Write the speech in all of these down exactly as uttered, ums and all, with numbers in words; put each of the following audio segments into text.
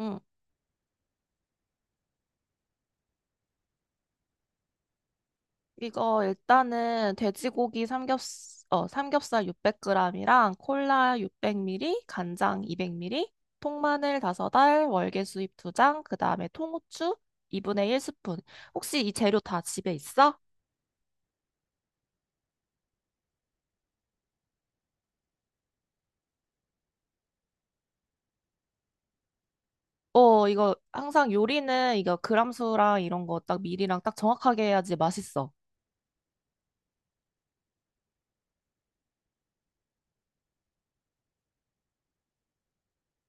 응. 이거 일단은 돼지고기 삼겹- 어, 삼겹살 육백 그램이랑 콜라 육백 밀리리터, 간장 이백 밀리리터, 통마늘 다섯 알, 월계수잎 두 장, 그 다음에 통후추 이분의 일 스푼. 혹시 이 재료 다 집에 있어? 어, 이거 항상 요리는 이거 그람수랑 이런 거 딱 미리랑 딱 정확하게 해야지 맛있어.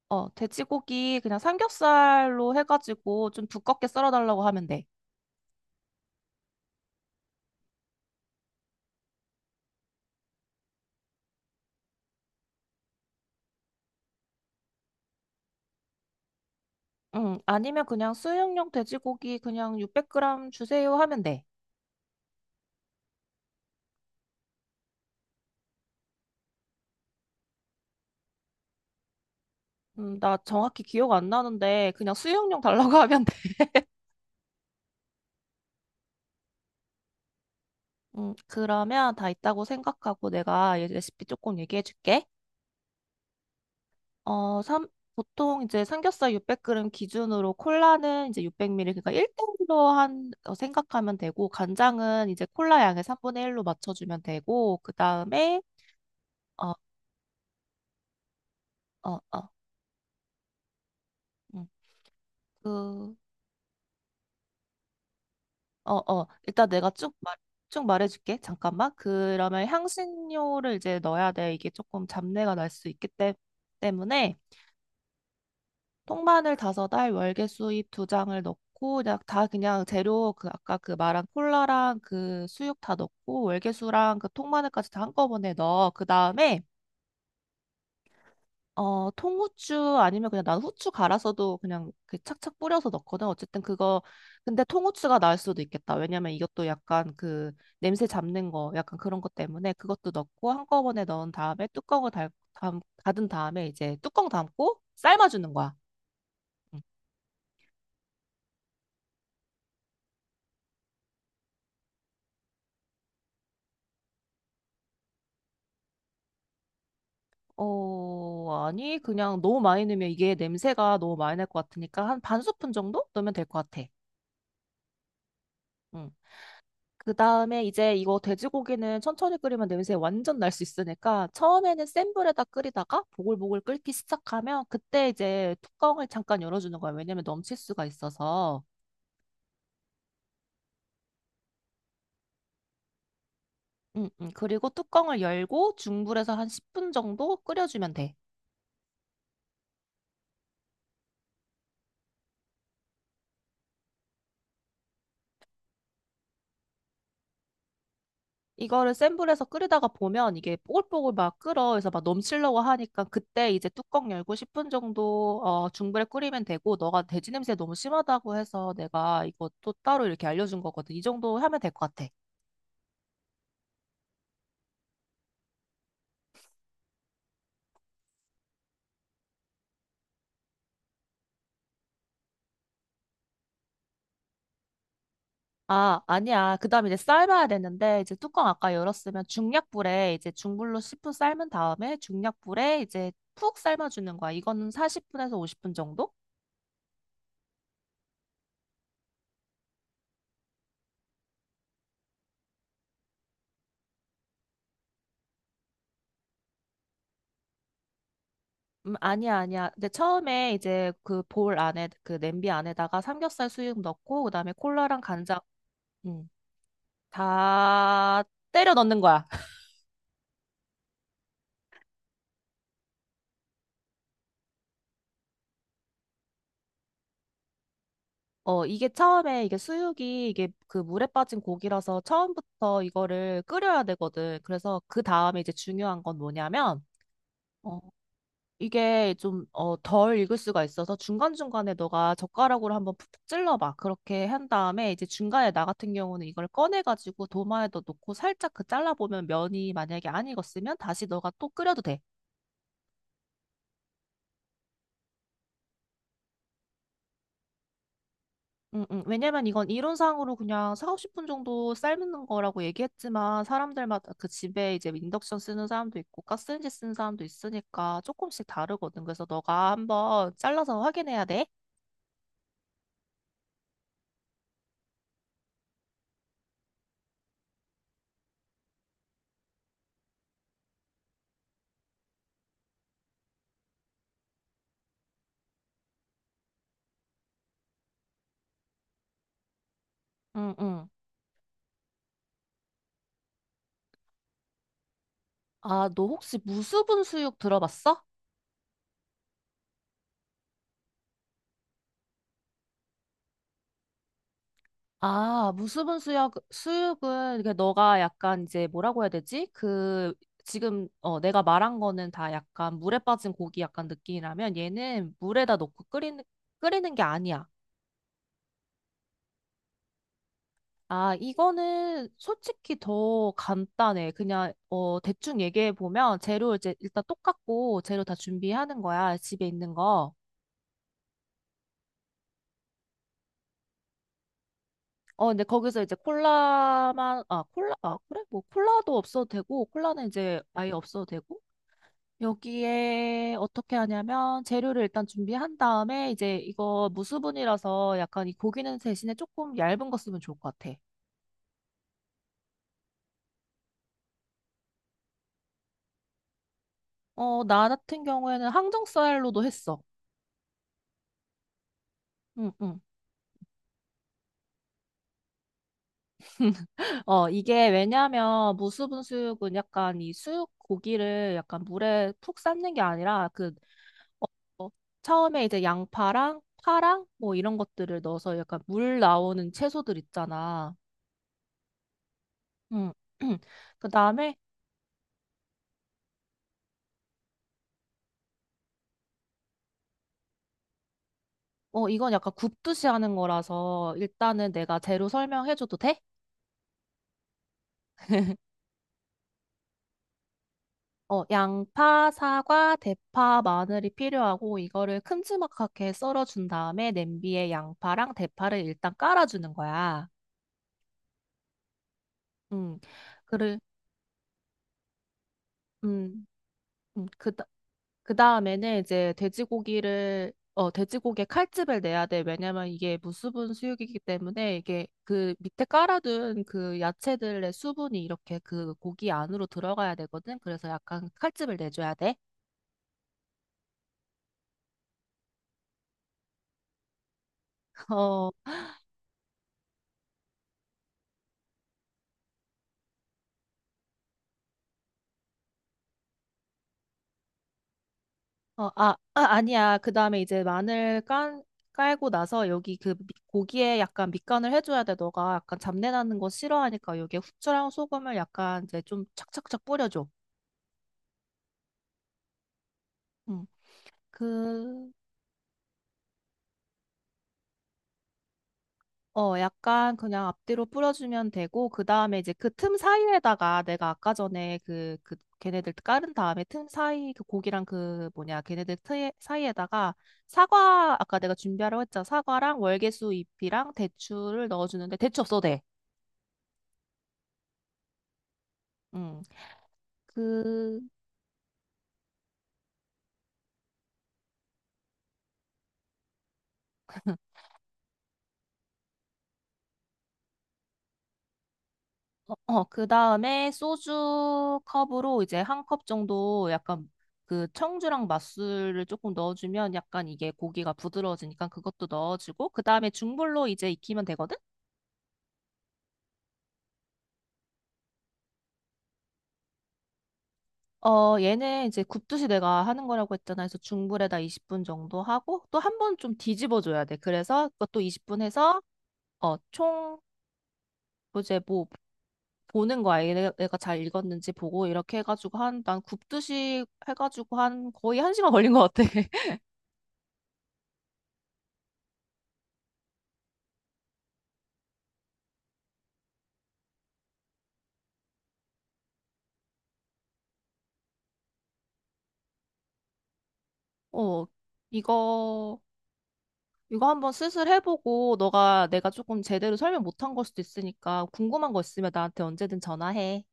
어, 돼지고기 그냥 삼겹살로 해가지고 좀 두껍게 썰어달라고 하면 돼. 응, 아니면 그냥 수육용 돼지고기 그냥 육백 그램 주세요 하면 돼. 음, 나 정확히 기억 안 나는데 그냥 수육용 달라고 하면 돼. 음, 그러면 다 있다고 생각하고 내가 얘 레시피 조금 얘기해 줄게. 어, 삼, 보통 이제 삼겹살 육백 그램 기준으로 콜라는 이제 육백 밀리리터 그러니까 일 대일로 한 어, 생각하면 되고 간장은 이제 콜라 양의 삼분의 일로 맞춰 주면 되고 그다음에 어, 어, 어. 음, 그 어, 어. 일단 내가 쭉 말, 쭉 말해줄게. 잠깐만. 그러면 향신료를 이제 넣어야 돼. 이게 조금 잡내가 날 수 있기 때, 때문에 통마늘 다섯 알, 월계수잎 두 장을 넣고 그냥 다 그냥 재료 그 아까 그 말한 콜라랑 그 수육 다 넣고 월계수랑 그 통마늘까지 다 한꺼번에 넣어. 그 다음에 어, 통후추 아니면 그냥 난 후추 갈아서도 그냥 그 착착 뿌려서 넣거든. 어쨌든 그거, 근데 통후추가 나을 수도 있겠다. 왜냐면 이것도 약간 그 냄새 잡는 거, 약간 그런 것 때문에 그것도 넣고 한꺼번에 넣은 다음에 뚜껑을 달, 담, 닫은 다음에 이제 뚜껑 담고 삶아주는 거야. 응. 어, 아니, 그냥 너무 많이 넣으면 이게 냄새가 너무 많이 날 것 같으니까 한 반 스푼 정도 넣으면 될 것 같아. 응. 그 다음에 이제 이거 돼지고기는 천천히 끓이면 냄새 완전 날 수 있으니까 처음에는 센 불에다 끓이다가 보글보글 끓기 시작하면 그때 이제 뚜껑을 잠깐 열어주는 거야. 왜냐면 넘칠 수가 있어서. 응, 응. 그리고 뚜껑을 열고 중불에서 한 십 분 정도 끓여주면 돼. 이거를 센 불에서 끓이다가 보면 이게 뽀글뽀글 막 끓어. 그래서 막 넘치려고 하니까 그때 이제 뚜껑 열고 십 분 정도 어, 중불에 끓이면 되고 너가 돼지 냄새 너무 심하다고 해서 내가 이거 또 따로 이렇게 알려준 거거든. 이 정도 하면 될 것 같아. 아, 아니야. 그다음에 이제 삶아야 되는데 이제 뚜껑 아까 열었으면 중약불에 이제 중불로 십 분 삶은 다음에 중약불에 이제 푹 삶아주는 거야. 이거는 사십 분에서 오십 분 정도? 음, 아니야, 아니야. 근데 처음에 이제 그 볼 안에, 그 냄비 안에다가 삼겹살 수육 넣고, 그다음에 콜라랑 간장, 음, 다 때려 넣는 거야. 어, 이게 처음에 이게 수육이 이게 그 물에 빠진 고기라서 처음부터 이거를 끓여야 되거든. 그래서 그 다음에 이제 중요한 건 뭐냐면, 어, 이게 좀, 어, 덜 익을 수가 있어서 중간중간에 너가 젓가락으로 한번 푹푹 찔러봐. 그렇게 한 다음에 이제 중간에 나 같은 경우는 이걸 꺼내가지고 도마에다 놓고 살짝 그 잘라보면 면이 만약에 안 익었으면 다시 너가 또 끓여도 돼. 응, 응. 왜냐면 이건 이론상으로 그냥 사십, 오십 분 정도 삶는 거라고 얘기했지만 사람들마다 그 집에 이제 인덕션 쓰는 사람도 있고 가스렌지 쓰는 사람도 있으니까 조금씩 다르거든. 그래서 너가 한번 잘라서 확인해야 돼. 응, 응. 아, 너 혹시 무수분 수육 들어봤어? 아, 무수분 수역, 수육은, 그, 너가 약간 이제 뭐라고 해야 되지? 그, 지금, 어, 내가 말한 거는 다 약간 물에 빠진 고기 약간 느낌이라면 얘는 물에다 넣고 끓이는, 끓이는 게 아니야. 아, 이거는 솔직히 더 간단해. 그냥, 어, 대충 얘기해 보면 재료 이제 일단 똑같고 재료 다 준비하는 거야. 집에 있는 거. 어, 근데 거기서 이제 콜라만, 아, 콜라, 아, 그래? 뭐 콜라도 없어도 되고, 콜라는 이제 아예 없어도 되고, 여기에 어떻게 하냐면 재료를 일단 준비한 다음에 이제 이거 무수분이라서 약간 이 고기는 대신에 조금 얇은 거 쓰면 좋을 것 같아. 어, 나 같은 경우에는 항정 쌀로도 했어. 응, 응. 어, 이게 왜냐면 무수분 수육은 약간 이 수육 고기를 약간 물에 푹 삶는 게 아니라 그 어, 처음에 이제 양파랑 파랑 뭐 이런 것들을 넣어서 약간 물 나오는 채소들 있잖아. 응. 그 다음에 어, 이건 약간 굽듯이 하는 거라서 일단은 내가 재료 설명해줘도 돼? 어, 양파, 사과, 대파, 마늘이 필요하고 이거를 큼지막하게 썰어준 다음에 냄비에 양파랑 대파를 일단 깔아주는 거야. 음, 그를, 음, 음, 그, 그 다음에는 이제 돼지고기를 어 돼지고기에 칼집을 내야 돼. 왜냐면 이게 무수분 수육이기 때문에 이게 그 밑에 깔아둔 그 야채들의 수분이 이렇게 그 고기 안으로 들어가야 되거든. 그래서 약간 칼집을 내줘야 돼. 어, 어, 아, 아 아니야. 그 다음에 이제 마늘 깐 깔고 나서 여기 그 미- 고기에 약간 밑간을 해줘야 돼. 너가 약간 잡내 나는 거 싫어하니까 여기에 후추랑 소금을 약간 이제 좀 착착착 뿌려줘. 음. 그 어, 약간 그냥 앞뒤로 뿌려주면 되고, 그 다음에 이제 그 틈 사이에다가 내가 아까 전에 그, 그, 걔네들 깔은 다음에 틈 사이, 그 고기랑 그 뭐냐, 걔네들 트에, 사이에다가 사과, 아까 내가 준비하라고 했잖아. 사과랑 월계수 잎이랑 대추를 넣어주는데, 대추 없어도 돼. 음. 그, 어, 어, 그 다음에 소주 컵으로 이제 한 컵 정도 약간 그 청주랑 맛술을 조금 넣어주면 약간 이게 고기가 부드러워지니까 그것도 넣어주고, 그 다음에 중불로 이제 익히면 되거든? 어, 얘는 이제 굽듯이 내가 하는 거라고 했잖아. 그래서 중불에다 이십 분 정도 하고, 또 한 번 좀 뒤집어줘야 돼. 그래서 그것도 이십 분 해서, 어, 총, 이제 뭐, 보는 거야. 얘- 얘가 잘 익었는지 보고, 이렇게 해가지고 한, 난 굽듯이 해가지고 한 거의 한 시간 걸린 것 같아. 어, 이거, 이거 한번 수술해보고, 너가 내가 조금 제대로 설명 못한 걸 수도 있으니까, 궁금한 거 있으면 나한테 언제든 전화해.